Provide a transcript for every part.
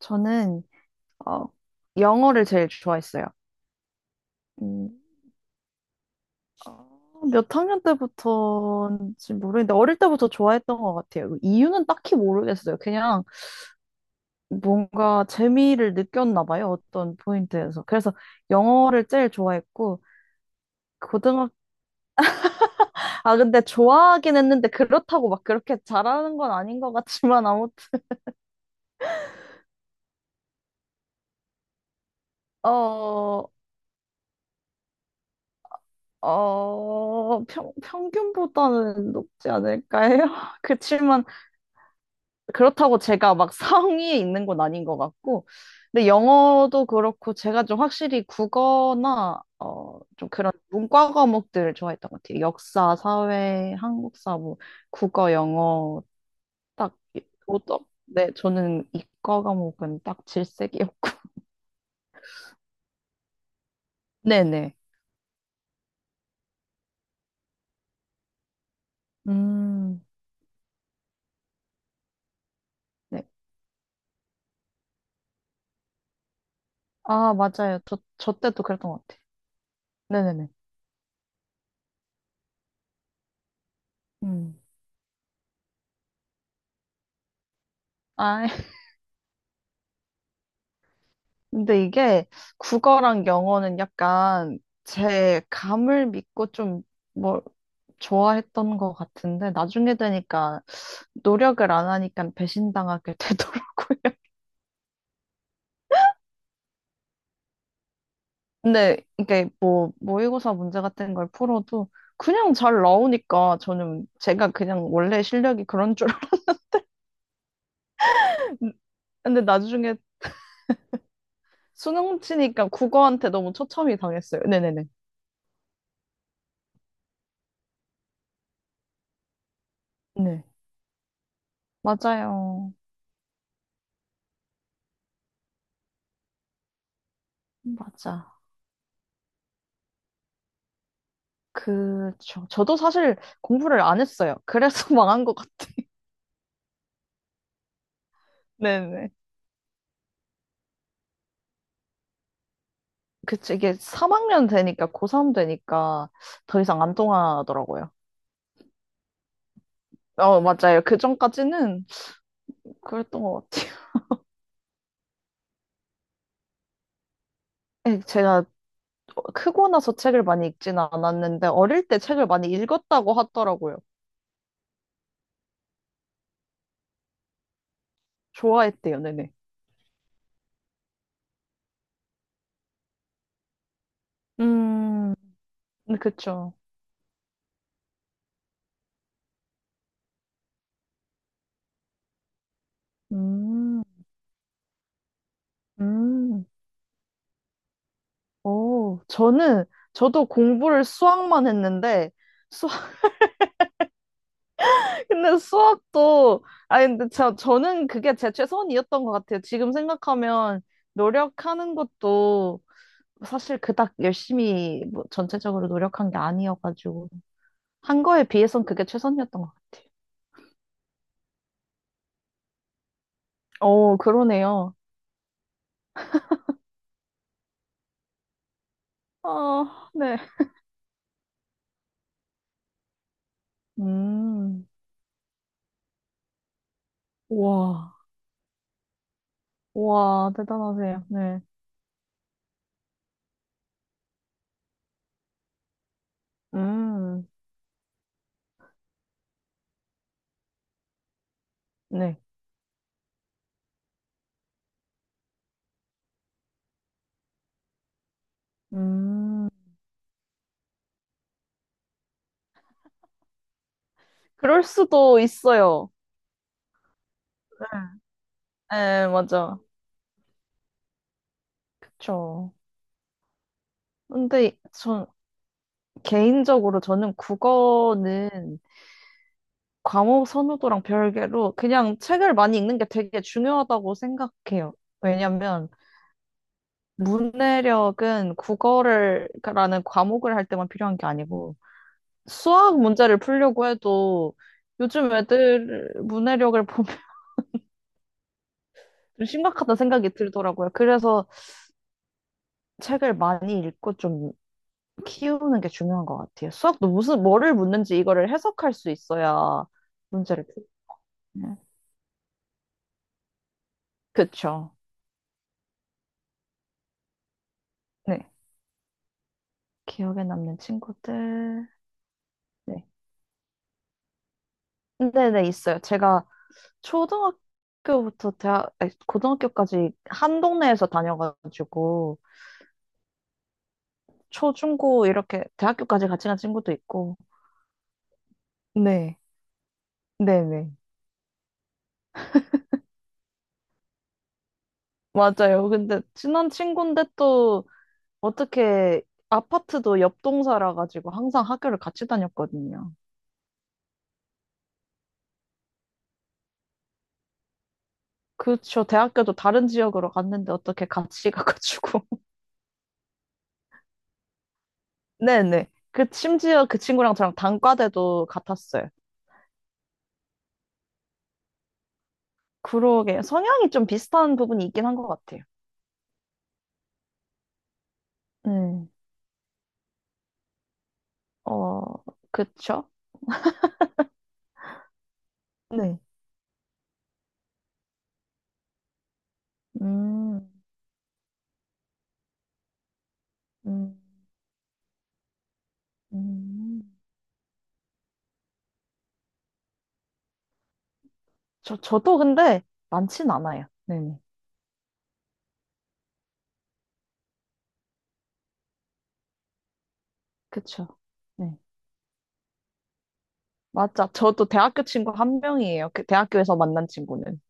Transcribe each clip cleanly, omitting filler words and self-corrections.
저는 어, 영어를 제일 좋아했어요. 음, 어, 몇 학년 때부터인지 모르겠는데 어릴 때부터 좋아했던 것 같아요. 그 이유는 딱히 모르겠어요. 그냥 뭔가 재미를 느꼈나 봐요. 어떤 포인트에서. 그래서 영어를 제일 좋아했고 고등학교 아 근데 좋아하긴 했는데 그렇다고 막 그렇게 잘하는 건 아닌 것 같지만 아무튼 어, 어, 평, 평균보다는 높지 않을까요? 그치만 그렇다고 제가 막 성이 있는 건 아닌 것 같고, 근데 영어도 그렇고 제가 좀 확실히 국어나 좀 그런 문과 과목들을 좋아했던 것 같아요. 역사, 사회, 한국사, 뭐 국어, 영어 딱 오덕. 네, 저는 이과 과목은 딱 질색이었고. 네네. 음, 네. 아, 맞아요. 저 때도 그랬던 것 같아요. 네네네. 음. 아, 근데 이게 국어랑 영어는 약간 제 감을 믿고 좀 뭐 좋아했던 것 같은데 나중에 되니까 노력을 안 하니까 배신당하게 되더라고요. 근데 이게 뭐 모의고사 문제 같은 걸 풀어도 그냥 잘 나오니까 저는 제가 그냥 원래 실력이 그런 줄 알았는데 근데 나중에 수능 치니까 국어한테 너무 초점이 당했어요. 네네네. 네. 맞아요. 맞아. 그죠. 저도 사실 공부를 안 했어요. 그래서 망한 것 같아요. 네네. 그치, 이게 3학년 되니까, 고3 되니까 더 이상 안 통하더라고요. 어, 맞아요. 그 전까지는 그랬던 것 같아요. 예, 제가 크고 나서 책을 많이 읽지는 않았는데, 어릴 때 책을 많이 읽었다고 하더라고요. 좋아했대요, 네네. 음, 네, 그쵸. 음, 음, 오, 저도 공부를 수학만 했는데, 수 근데 수업도, 아니, 근데 저는 그게 제 최선이었던 것 같아요. 지금 생각하면 노력하는 것도 사실 그닥 열심히 뭐 전체적으로 노력한 게 아니어가지고. 한 거에 비해선 그게 최선이었던 것 같아요. 어, 그러네요. 아, 네. 음, 와, 와, 대단하세요. 네. 음, 네. 음, 그럴 수도 있어요. 네, 맞아. 그쵸. 근데 전 개인적으로 저는 국어는 과목 선호도랑 별개로 그냥 책을 많이 읽는 게 되게 중요하다고 생각해요. 왜냐면 문해력은 국어를 라는 과목을 할 때만 필요한 게 아니고 수학 문제를 풀려고 해도 요즘 애들 문해력을 보면 좀 심각하다 생각이 들더라고요. 그래서 책을 많이 읽고 좀 키우는 게 중요한 것 같아요. 수학도 무슨 뭐를 묻는지 이거를 해석할 수 있어야 문제를 풀. 네. 그쵸. 네. 기억에 남는 친구들. 네. 네네, 있어요. 제가 초등학교부터 대학, 아니, 고등학교까지 한 동네에서 다녀가지고, 초, 중, 고 이렇게 대학교까지 같이 간 친구도 있고. 네. 네네. 맞아요. 근데 친한 친구인데 또 어떻게 아파트도 옆 동사라 가지고 항상 학교를 같이 다녔거든요. 그쵸. 대학교도 다른 지역으로 갔는데 어떻게 같이 가가지고. 네네. 그, 심지어 그 친구랑 저랑 단과대도 같았어요. 그러게. 성향이 좀 비슷한 부분이 있긴 한 것 같아요. 음, 어, 그쵸? 네. 음, 음, 음. 저도 근데 많진 않아요. 네네. 그쵸? 네. 맞아. 저도 대학교 친구 한 명이에요. 그 대학교에서 만난 친구는.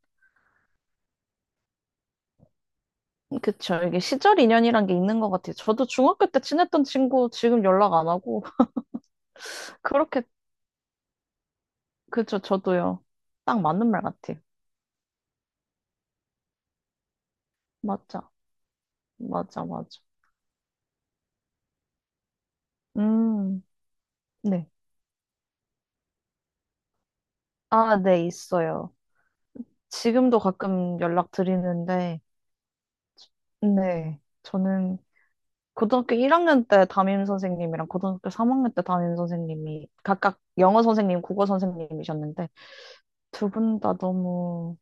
그쵸. 이게 시절 인연이란 게 있는 것 같아요. 저도 중학교 때 친했던 친구 지금 연락 안 하고. 그렇게, 그쵸. 저도요. 딱 맞는 말 같아요. 맞아, 맞아, 맞아. 음, 네. 아, 네, 있어요. 지금도 가끔 연락 드리는데, 네. 저는 고등학교 1학년 때 담임 선생님이랑 고등학교 3학년 때 담임 선생님이 각각 영어 선생님, 국어 선생님이셨는데, 두 분 다 너무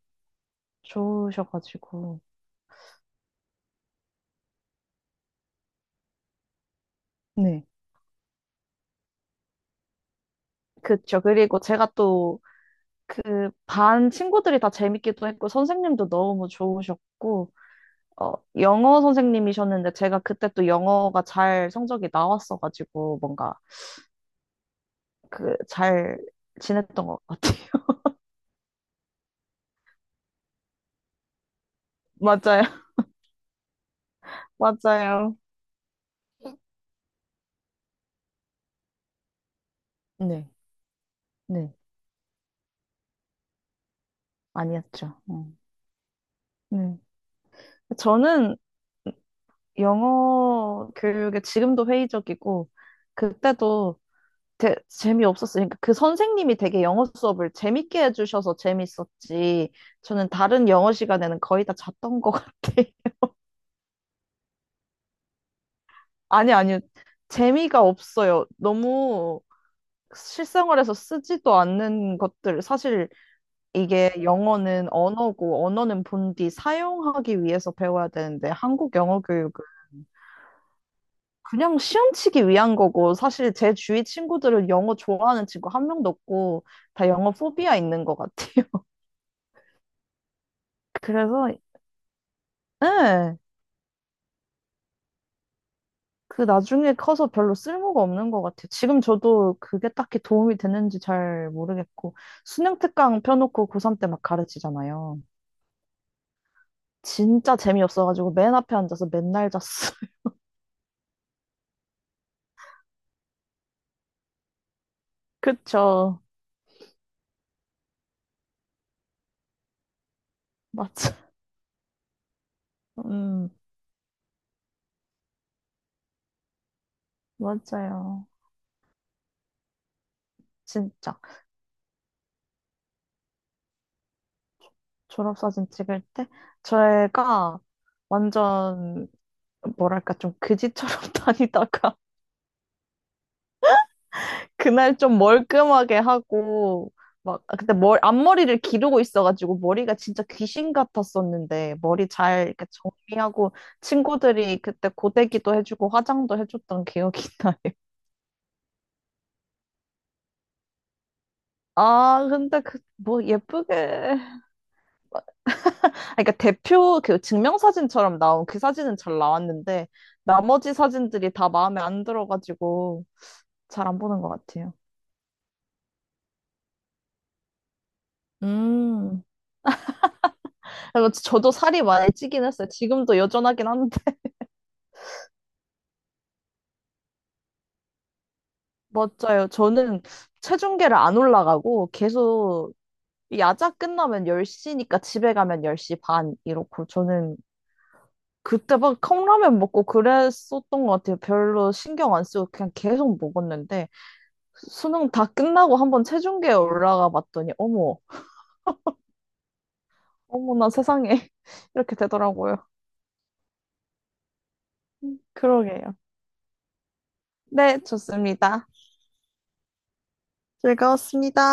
좋으셔가지고. 네. 그쵸. 그리고 제가 또 그 반 친구들이 다 재밌기도 했고, 선생님도 너무 좋으셨고, 어, 영어 선생님이셨는데 제가 그때 또 영어가 잘 성적이 나왔어가지고 뭔가 그 잘 지냈던 것 같아요. 맞아요. 맞아요. 네. 네. 아니었죠. 음. 네. 저는 영어 교육에 지금도 회의적이고 그때도 재미없었어요. 그러니까 그 선생님이 되게 영어 수업을 재밌게 해주셔서 재밌었지. 저는 다른 영어 시간에는 거의 다 잤던 것 같아요. 아니, 아니요. 재미가 없어요. 너무 실생활에서 쓰지도 않는 것들. 사실 이게 영어는 언어고, 언어는 본디 사용하기 위해서 배워야 되는데, 한국 영어 교육은 그냥 시험치기 위한 거고, 사실 제 주위 친구들은 영어 좋아하는 친구 한 명도 없고, 다 영어 포비아 있는 것 같아요. 그래서, 예. 그 나중에 커서 별로 쓸모가 없는 것 같아요. 지금 저도 그게 딱히 도움이 되는지 잘 모르겠고, 수능 특강 펴놓고 고3 때 막 가르치잖아요. 진짜 재미없어가지고 맨 앞에 앉아서 맨날 잤어요. 그쵸. 맞죠. 음, 맞아요. 진짜. 졸업사진 찍을 때, 제가 완전, 뭐랄까, 좀 그지처럼 다니다가, 그날 좀 멀끔하게 하고, 막, 아, 그때 머 앞머리를 기르고 있어가지고, 머리가 진짜 귀신 같았었는데, 머리 잘 이렇게 정리하고, 친구들이 그때 고데기도 해주고, 화장도 해줬던 기억이 나요. 아, 근데 그, 뭐, 예쁘게. 아, 그러니까 대표 그 증명사진처럼 나온 그 사진은 잘 나왔는데, 나머지 사진들이 다 마음에 안 들어가지고, 잘 안 보는 것 같아요. 음. 그래서 저도 살이 많이 찌긴 했어요. 지금도 여전하긴 한데. 맞아요. 저는 체중계를 안 올라가고 계속 야자 끝나면 10시니까 집에 가면 10시 반 이렇고 저는 그때 막 컵라면 먹고 그랬었던 것 같아요. 별로 신경 안 쓰고 그냥 계속 먹었는데 수능 다 끝나고 한번 체중계에 올라가 봤더니 어머, 어머나 세상에 이렇게 되더라고요. 그러게요. 네, 좋습니다. 즐거웠습니다.